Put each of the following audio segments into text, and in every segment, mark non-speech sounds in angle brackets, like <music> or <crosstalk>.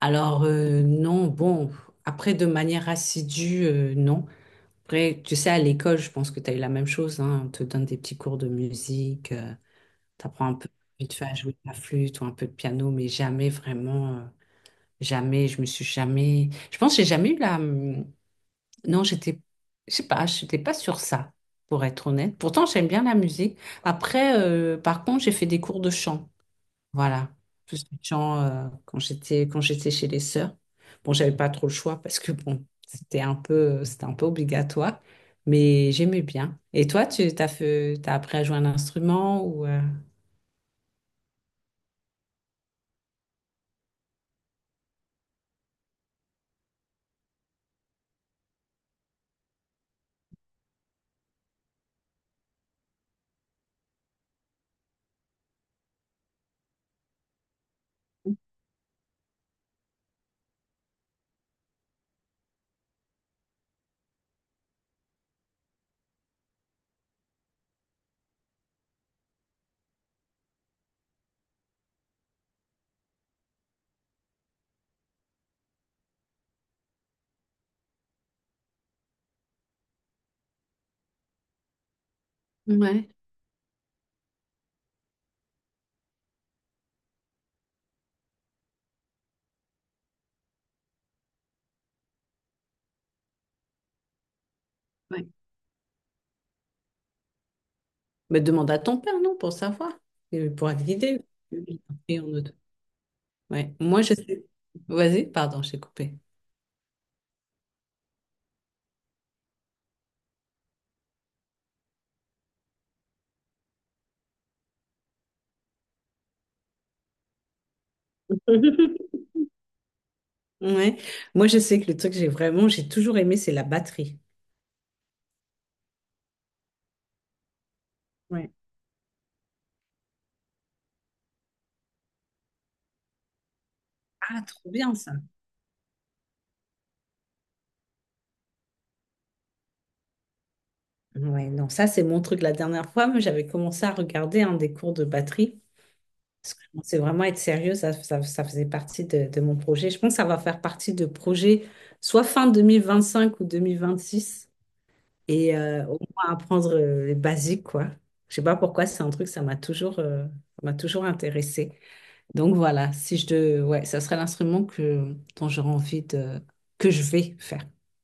Alors, non, bon, après, de manière assidue, non. Après, tu sais, à l'école, je pense que tu as eu la même chose, hein. On te donne des petits cours de musique, tu apprends un peu vite fait à jouer de la flûte ou un peu de piano, mais jamais vraiment, jamais, je me suis jamais... Je pense que j'ai jamais eu la... Non, j'étais, je sais pas, j'étais pas sur ça, pour être honnête. Pourtant, j'aime bien la musique. Après, par contre, j'ai fait des cours de chant. Voilà, plus de chant quand j'étais chez les sœurs. Bon, j'avais pas trop le choix parce que bon, c'était un peu obligatoire, mais j'aimais bien. Et toi, tu t'as fait t'as appris à jouer un instrument ou Ouais, ouais. Mais demande à ton père, non, pour savoir, il pourra te guider. Lui, il est en auto. Ouais, moi je sais. Vas-y, pardon, j'ai coupé. <laughs> Ouais, moi je sais que le truc que j'ai toujours aimé, c'est la batterie. Ouais. Ah, trop bien ça. Ouais, non, ça c'est mon truc. La dernière fois, moi, j'avais commencé à regarder un des cours de batterie. Parce que je pensais vraiment être sérieux, ça faisait partie de mon projet. Je pense que ça va faire partie de projets soit fin 2025 ou 2026. Et au moins apprendre les basiques, quoi. Je sais pas pourquoi, c'est un truc, ça m'a toujours intéressé. Donc voilà, si je de, ouais, ça serait l'instrument que, dont j'aurais envie de... que je vais faire.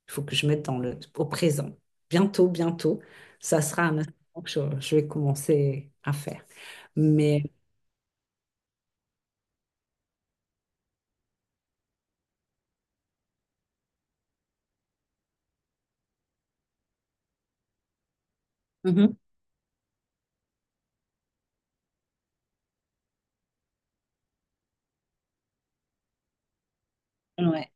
Il faut que je mette dans le... au présent. Bientôt, bientôt, ça sera un instrument que je vais commencer à faire. Mais Mhm. Ouais,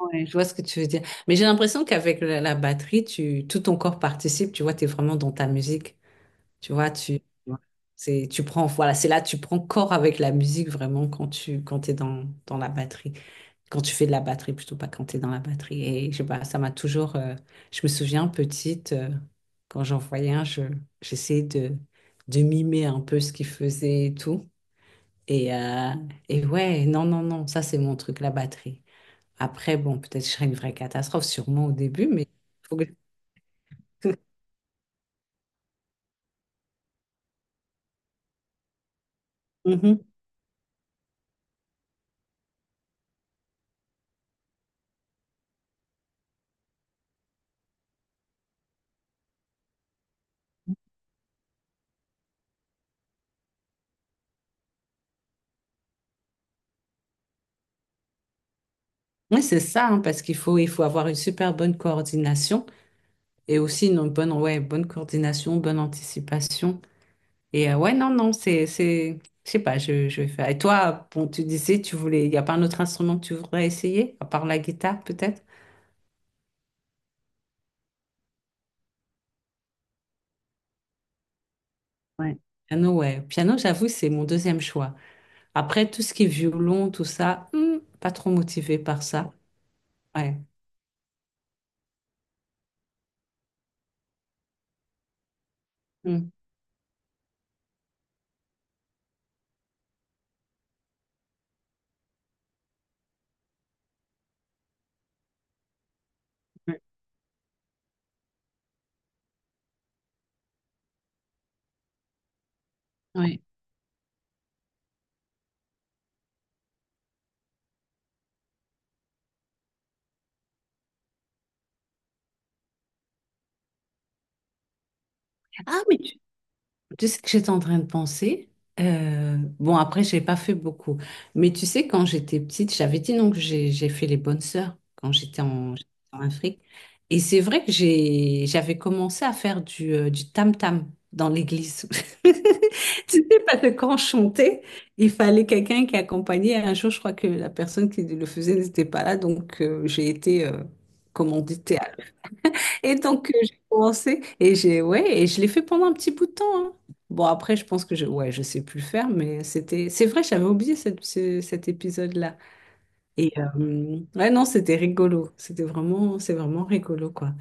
ouais, je vois ce que tu veux dire. Mais j'ai l'impression qu'avec la batterie, tu... tout ton corps participe. Tu vois, tu es vraiment dans ta musique. Tu vois, tu... C'est, tu prends, voilà, c'est là, tu prends corps avec la musique vraiment quand t'es dans la batterie. Quand tu fais de la batterie, plutôt pas quand tu es dans la batterie. Et je sais pas, ça m'a toujours. Je me souviens petite, quand j'en voyais un, j'essayais de mimer un peu ce qu'il faisait et tout. Et, euh, et ouais, non, non, non, ça c'est mon truc, la batterie. Après, bon, peut-être je serais une vraie catastrophe, sûrement au début, mais faut que- <laughs> Mhm. Oui, c'est ça, hein, parce qu'il faut, il faut avoir une super bonne coordination et aussi une bonne, ouais, bonne coordination, bonne anticipation. Et ouais, non, non, je sais pas, je vais faire. Et toi, bon, tu disais, tu voulais, il n'y a pas un autre instrument que tu voudrais essayer, à part la guitare, peut-être? Ouais. Piano, ouais. Piano, j'avoue, c'est mon deuxième choix. Après, tout ce qui est violon, tout ça, pas trop motivée par ça. Ouais. Hmm. Ouais. Ouais. Tu sais que j'étais en train de penser. Bon, après, j'ai pas fait beaucoup. Mais tu sais, quand j'étais petite, j'avais dit non que j'ai fait les bonnes sœurs quand j'étais en Afrique. Et c'est vrai que j'avais commencé à faire du tam-tam dans l'église. <laughs> Tu sais, parce que quand je chantais, il fallait quelqu'un qui accompagnait. Un jour, je crois que la personne qui le faisait n'était pas là, donc j'ai été commanditée, et donc, j'ai commencé et j'ai, ouais, et je l'ai fait pendant un petit bout de temps, hein. Bon, après, je pense que je, ouais, je sais plus faire, mais c'était, c'est vrai, j'avais oublié cet épisode-là. Et ouais, non, c'était rigolo. C'était vraiment, c'est vraiment rigolo, quoi.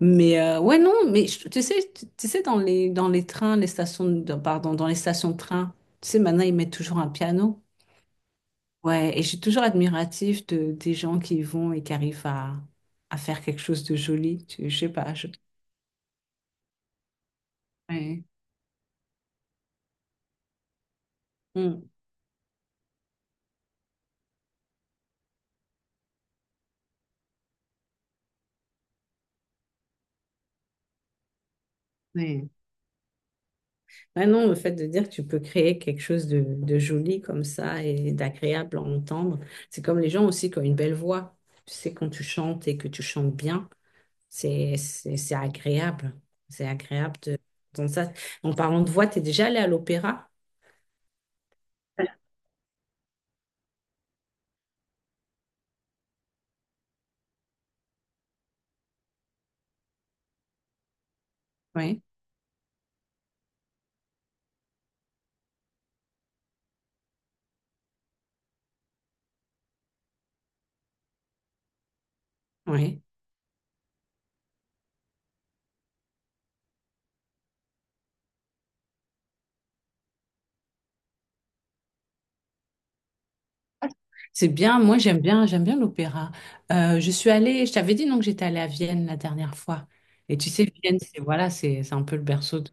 Mais ouais, non, mais tu sais, tu sais, dans les trains, les stations, de- dans- pardon, dans les stations de train, tu sais, maintenant, ils mettent toujours un piano. Ouais, et je suis toujours admiratif des gens qui y vont et qui arrivent à faire quelque chose de joli. Tu, je sais pas, je. Ouais. Mm. Ouais. Ouais, non, le fait de dire que tu peux créer quelque chose de joli comme ça et d'agréable à entendre, c'est comme les gens aussi qui ont une belle voix. Tu sais, quand tu chantes et que tu chantes bien, c'est agréable. C'est agréable d'entendre ça. En parlant de voix, tu es déjà allé à l'opéra? Oui, oui. C'est bien, moi j'aime bien l'opéra. Je suis allée, je t'avais dit non que j'étais allée à Vienne la dernière fois. Et tu sais, Vienne, c'est voilà, c'est un peu le berceau de,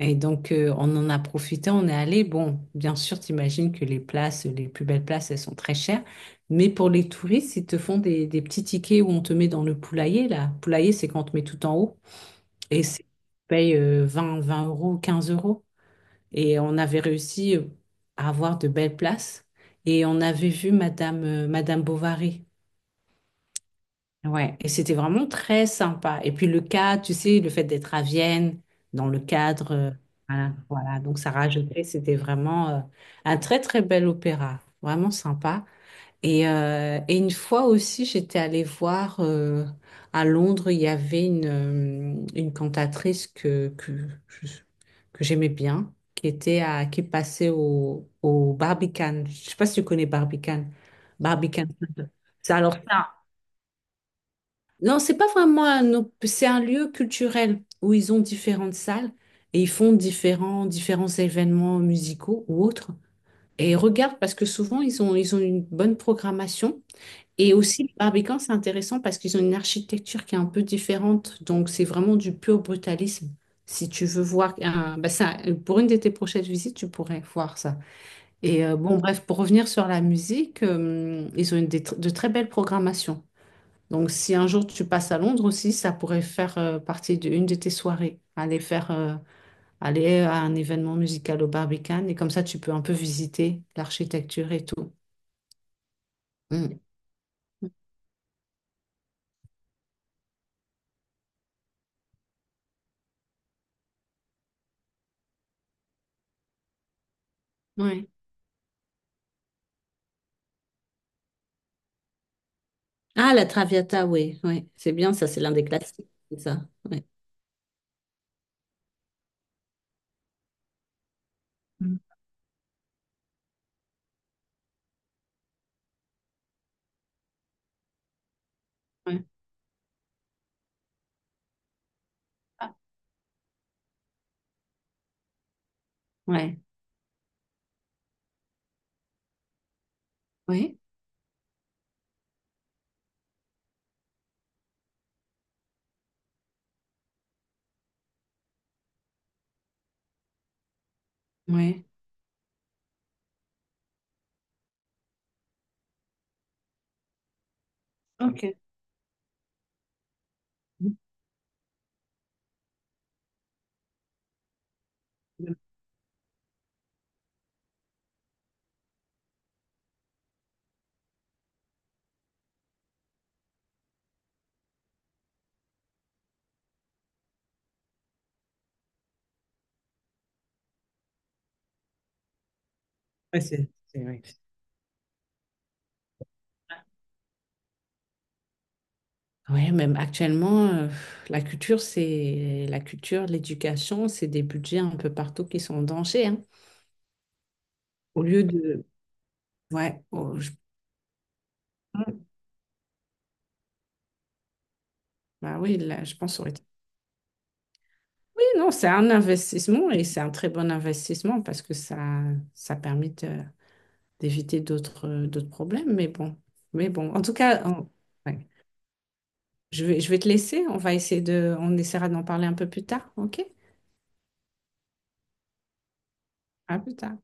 et donc, on en a profité, on est allé. Bon, bien sûr, t'imagines que les places, les plus belles places, elles sont très chères. Mais pour les touristes, ils te font des petits tickets où on te met dans le poulailler, là. Poulailler, c'est quand on te met tout en haut. Et c'est, tu payes 20, 20 euros, 15 euros. Et on avait réussi à avoir de belles places. Et on avait vu Madame Bovary. Ouais, et c'était vraiment très sympa. Et puis le cadre, tu sais, le fait d'être à Vienne, dans le cadre, voilà, voilà. Donc ça rajoutait, c'était vraiment un très très bel opéra, vraiment sympa. Et, une fois aussi, j'étais allée voir à Londres, il y avait une cantatrice je- que j'aimais bien, qui était qui passait au Barbican. Je sais pas si tu connais Barbican. Barbican. Ça, alors, non, c'est pas vraiment c'est un lieu culturel où ils ont différentes salles et ils font différents événements musicaux ou autres. Et regarde parce que souvent ils ont une bonne programmation. Et aussi, le Barbican, c'est intéressant parce qu'ils ont une architecture qui est un peu différente. Donc, c'est vraiment du pur brutalisme. Si tu veux voir, bah ça, pour une de tes prochaines visites, tu pourrais voir ça. Et bon, bref, pour revenir sur la musique, ils ont de très belles programmations. Donc, si un jour tu passes à Londres aussi, ça pourrait faire partie d'une de tes soirées. Aller à un événement musical au Barbican et comme ça, tu peux un peu visiter l'architecture et tout. Mm. Oui. Ah, la Traviata, oui, oui. C'est bien, ça, c'est l'un des classiques, c'est ça. Oui. Mm. Ouais. Ah. Ouais. Oui. Oui. Ok. Mm. Ouais, c'est vrai. Oui, même actuellement, la culture, c'est la culture, l'éducation, c'est des budgets un peu partout qui sont en danger, hein. Au lieu de, ouais, oh, bah oui, là, je pense que ça aurait été- Oui, non, c'est un investissement et c'est un très bon investissement parce que ça permet d'éviter d'autres d'autres problèmes. Mais bon, en tout cas, ouais. Je vais te laisser. On va on essaiera d'en parler un peu plus tard, ok? À plus tard.